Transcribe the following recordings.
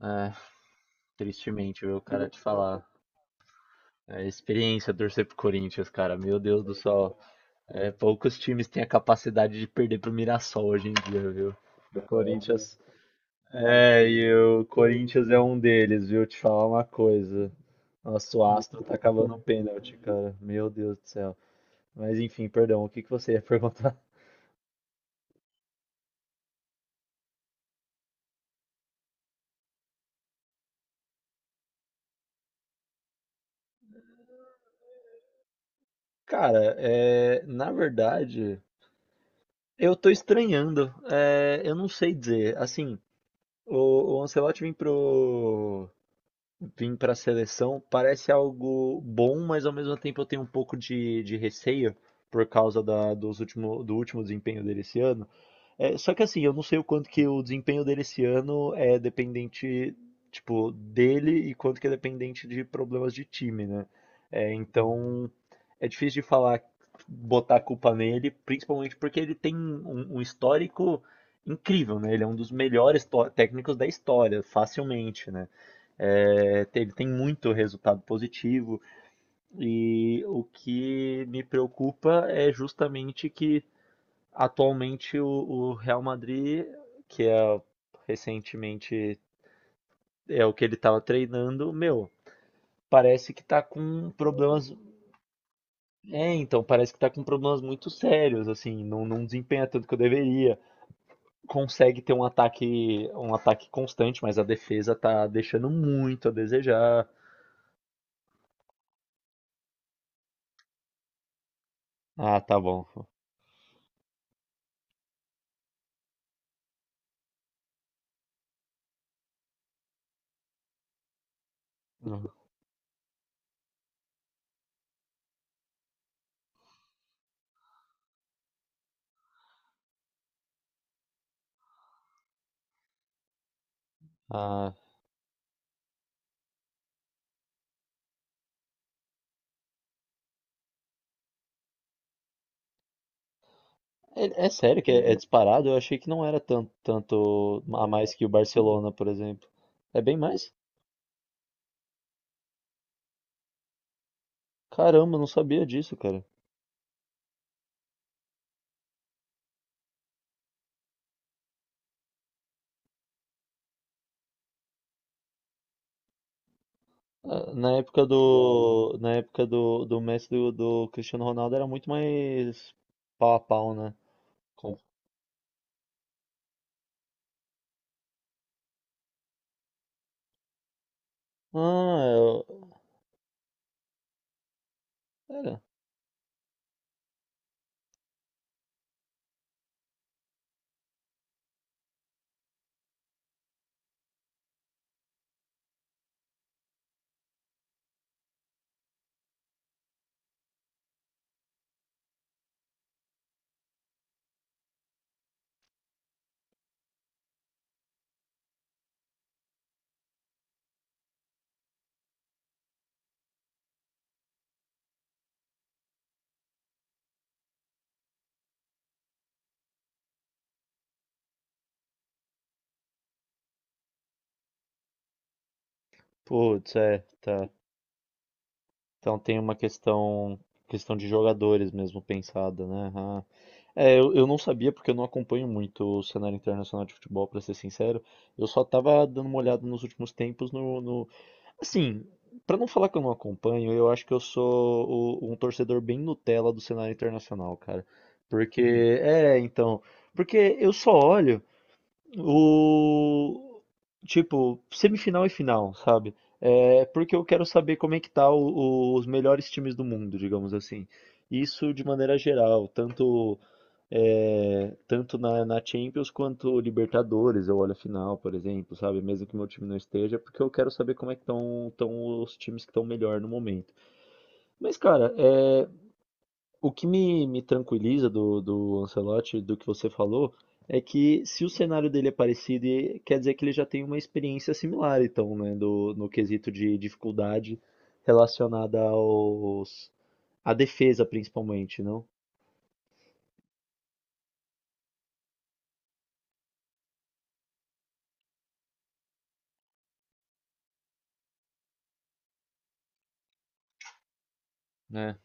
É, tristemente, viu, cara, te falar. É experiência torcer pro Corinthians, cara. Meu Deus do céu. É, poucos times têm a capacidade de perder pro Mirassol hoje em dia, viu? O Corinthians. É, e o Corinthians é um deles, viu? Te falar uma coisa. Nossa, o Astro tá acabando o pênalti, cara. Meu Deus do céu. Mas enfim, perdão, o que que você ia perguntar? Cara, é, na verdade, eu tô estranhando. É, eu não sei dizer. Assim, o Ancelotti vem pro, vim para a seleção parece algo bom, mas ao mesmo tempo eu tenho um pouco de receio por causa dos último, do último desempenho dele esse ano. É, só que assim, eu não sei o quanto que o desempenho dele esse ano é dependente, tipo, dele e quanto que é dependente de problemas de time, né? É, então é difícil de falar, botar a culpa nele, principalmente porque ele tem um, um histórico incrível, né? Ele é um dos melhores técnicos da história, facilmente, né? É, ele tem muito resultado positivo e o que me preocupa é justamente que atualmente o Real Madrid, que é recentemente é o que ele estava treinando, meu, parece que tá com problemas. É, então, parece que tá com problemas muito sérios, assim, não, não desempenha tanto que eu deveria. Consegue ter um ataque constante, mas a defesa tá deixando muito a desejar. Ah, tá bom. Uhum. Ah, é, é sério que é, é disparado? Eu achei que não era tanto, tanto a mais que o Barcelona, por exemplo. É bem mais? Caramba, eu não sabia disso, cara. Ah, na época do, na época do, do Messi e do, do Cristiano Ronaldo era muito mais pau a pau, né? Com- Ah, eu... Era. Putz, é, tá. Então tem uma questão questão de jogadores mesmo pensada, né? Ah. É, eu não sabia porque eu não acompanho muito o cenário internacional de futebol, pra ser sincero. Eu só tava dando uma olhada nos últimos tempos no, no... Assim, pra não falar que eu não acompanho, eu acho que eu sou um torcedor bem Nutella do cenário internacional, cara. Porque, é, então, porque eu só olho o tipo, semifinal e final, sabe? É porque eu quero saber como é que tá os melhores times do mundo, digamos assim. Isso de maneira geral, tanto é, tanto na, na Champions quanto Libertadores, eu olho a final, por exemplo, sabe? Mesmo que meu time não esteja, porque eu quero saber como é que estão os times que estão melhor no momento. Mas, cara, é, o que me tranquiliza do, do Ancelotti, do que você falou, é que se o cenário dele é parecido, quer dizer que ele já tem uma experiência similar, então, né, do, no quesito de dificuldade relacionada aos, à defesa, principalmente, não? Né?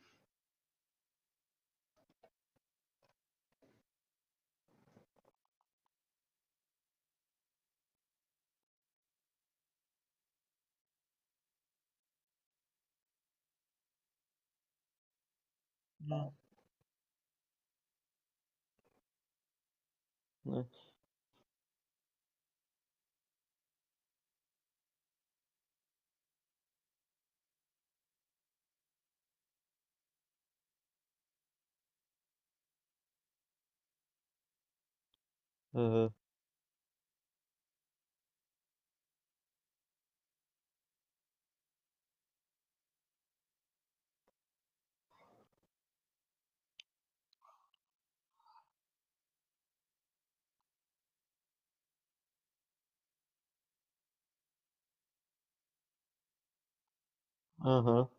Né? Aham, aham.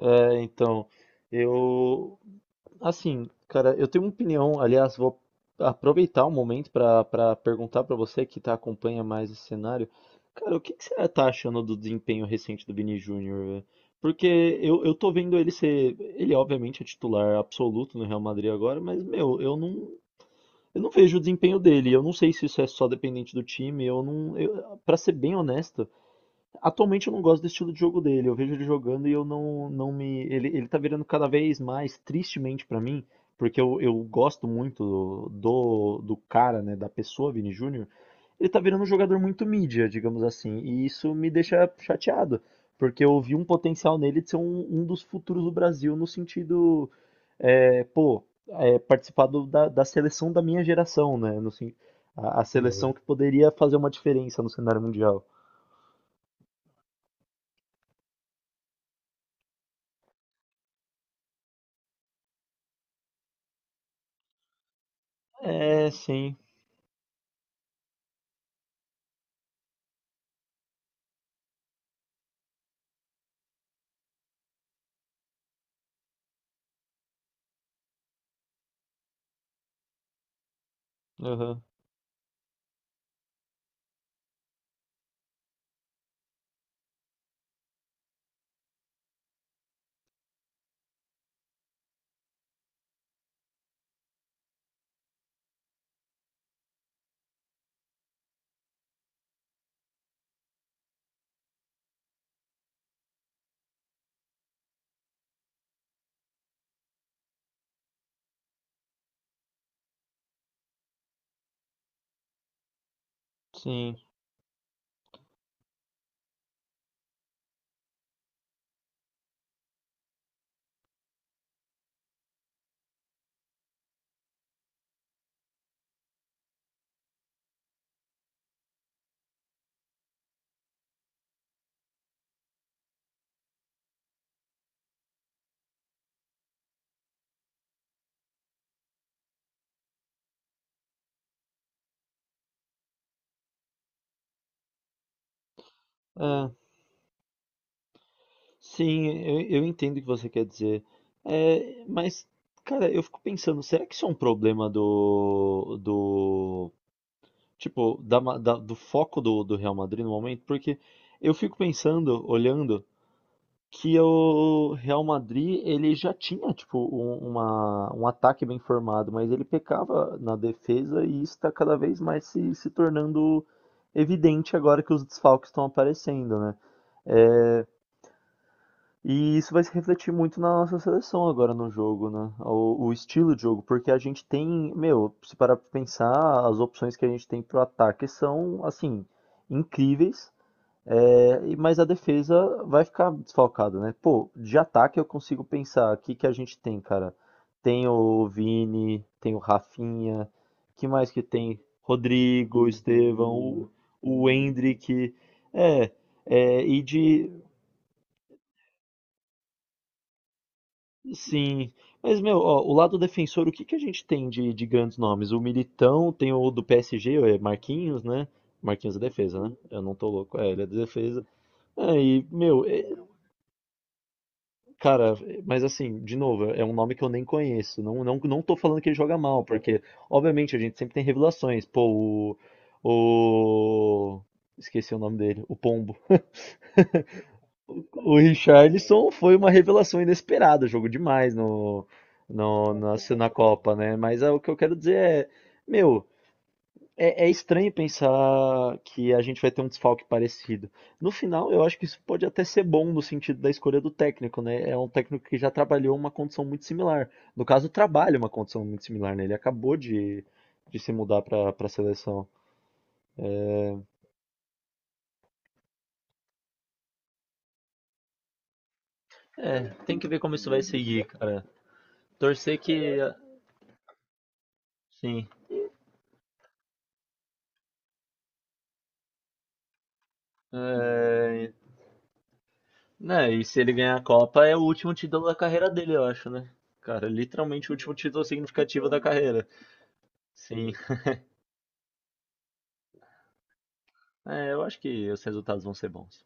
É, então, eu. Assim, cara, eu tenho uma opinião, aliás, vou aproveitar o momento para perguntar para você que tá, acompanha mais esse cenário. Cara, o que que você tá achando do desempenho recente do Vini Júnior? Velho? Porque eu tô vendo ele ser. Ele, obviamente, é titular absoluto no Real Madrid agora, mas, meu, eu não vejo o desempenho dele. Eu não sei se isso é só dependente do time. Eu não. Eu, para ser bem honesto. Atualmente eu não gosto do estilo de jogo dele. Eu vejo ele jogando e eu não, não me. Ele tá virando cada vez mais, tristemente pra mim, porque eu gosto muito do, do cara, né, da pessoa, Vini Júnior. Ele tá virando um jogador muito mídia, digamos assim. E isso me deixa chateado, porque eu vi um potencial nele de ser um, um dos futuros do Brasil no sentido, é, pô, é, participar da, da seleção da minha geração, né? No, sen- a Uhum. Seleção que poderia fazer uma diferença no cenário mundial. É, sim. Aham, sim. Ah, sim, eu entendo o que você quer dizer. É, mas, cara, eu fico pensando, será que isso é um problema do, do, tipo, do foco do, do Real Madrid no momento? Porque eu fico pensando, olhando, que o Real Madrid, ele já tinha, tipo, um, uma, um ataque bem formado, mas ele pecava na defesa e isso está cada vez mais se, se tornando evidente agora que os desfalques estão aparecendo, né? É, e isso vai se refletir muito na nossa seleção agora no jogo, né? O estilo de jogo, porque a gente tem, meu, se parar pra pensar, as opções que a gente tem pro ataque são, assim, incríveis, mas a defesa vai ficar desfalcada, né? Pô, de ataque eu consigo pensar aqui que a gente tem, cara. Tem o Vini, tem o Rafinha, que mais que tem? Rodrigo, Estevão, o Endrick. É, é, e de sim, mas meu, ó, o lado defensor, o que que a gente tem de grandes nomes? O Militão, tem o do PSG, é Marquinhos, né? Marquinhos é defesa, né? Eu não tô louco, é, ele é de defesa. É, e, meu, cara, mas assim, de novo, é um nome que eu nem conheço. Não, não, não tô falando que ele joga mal, porque, obviamente, a gente sempre tem revelações. Pô, o... Esqueci o nome dele, o Pombo. O Richarlison foi uma revelação inesperada, jogou demais no, no, na, na Copa, né? Mas é, o que eu quero dizer é, meu, é, é estranho pensar que a gente vai ter um desfalque parecido. No final, eu acho que isso pode até ser bom no sentido da escolha do técnico, né? É um técnico que já trabalhou uma condição muito similar. No caso, trabalha uma condição muito similar, né? Ele acabou de se mudar para a seleção. É, tem que ver como isso vai seguir, cara. Torcer que, sim. É, né, e se ele ganhar a Copa, é o último título da carreira dele, eu acho, né? Cara, literalmente o último título significativo da carreira. Sim. É, eu acho que os resultados vão ser bons.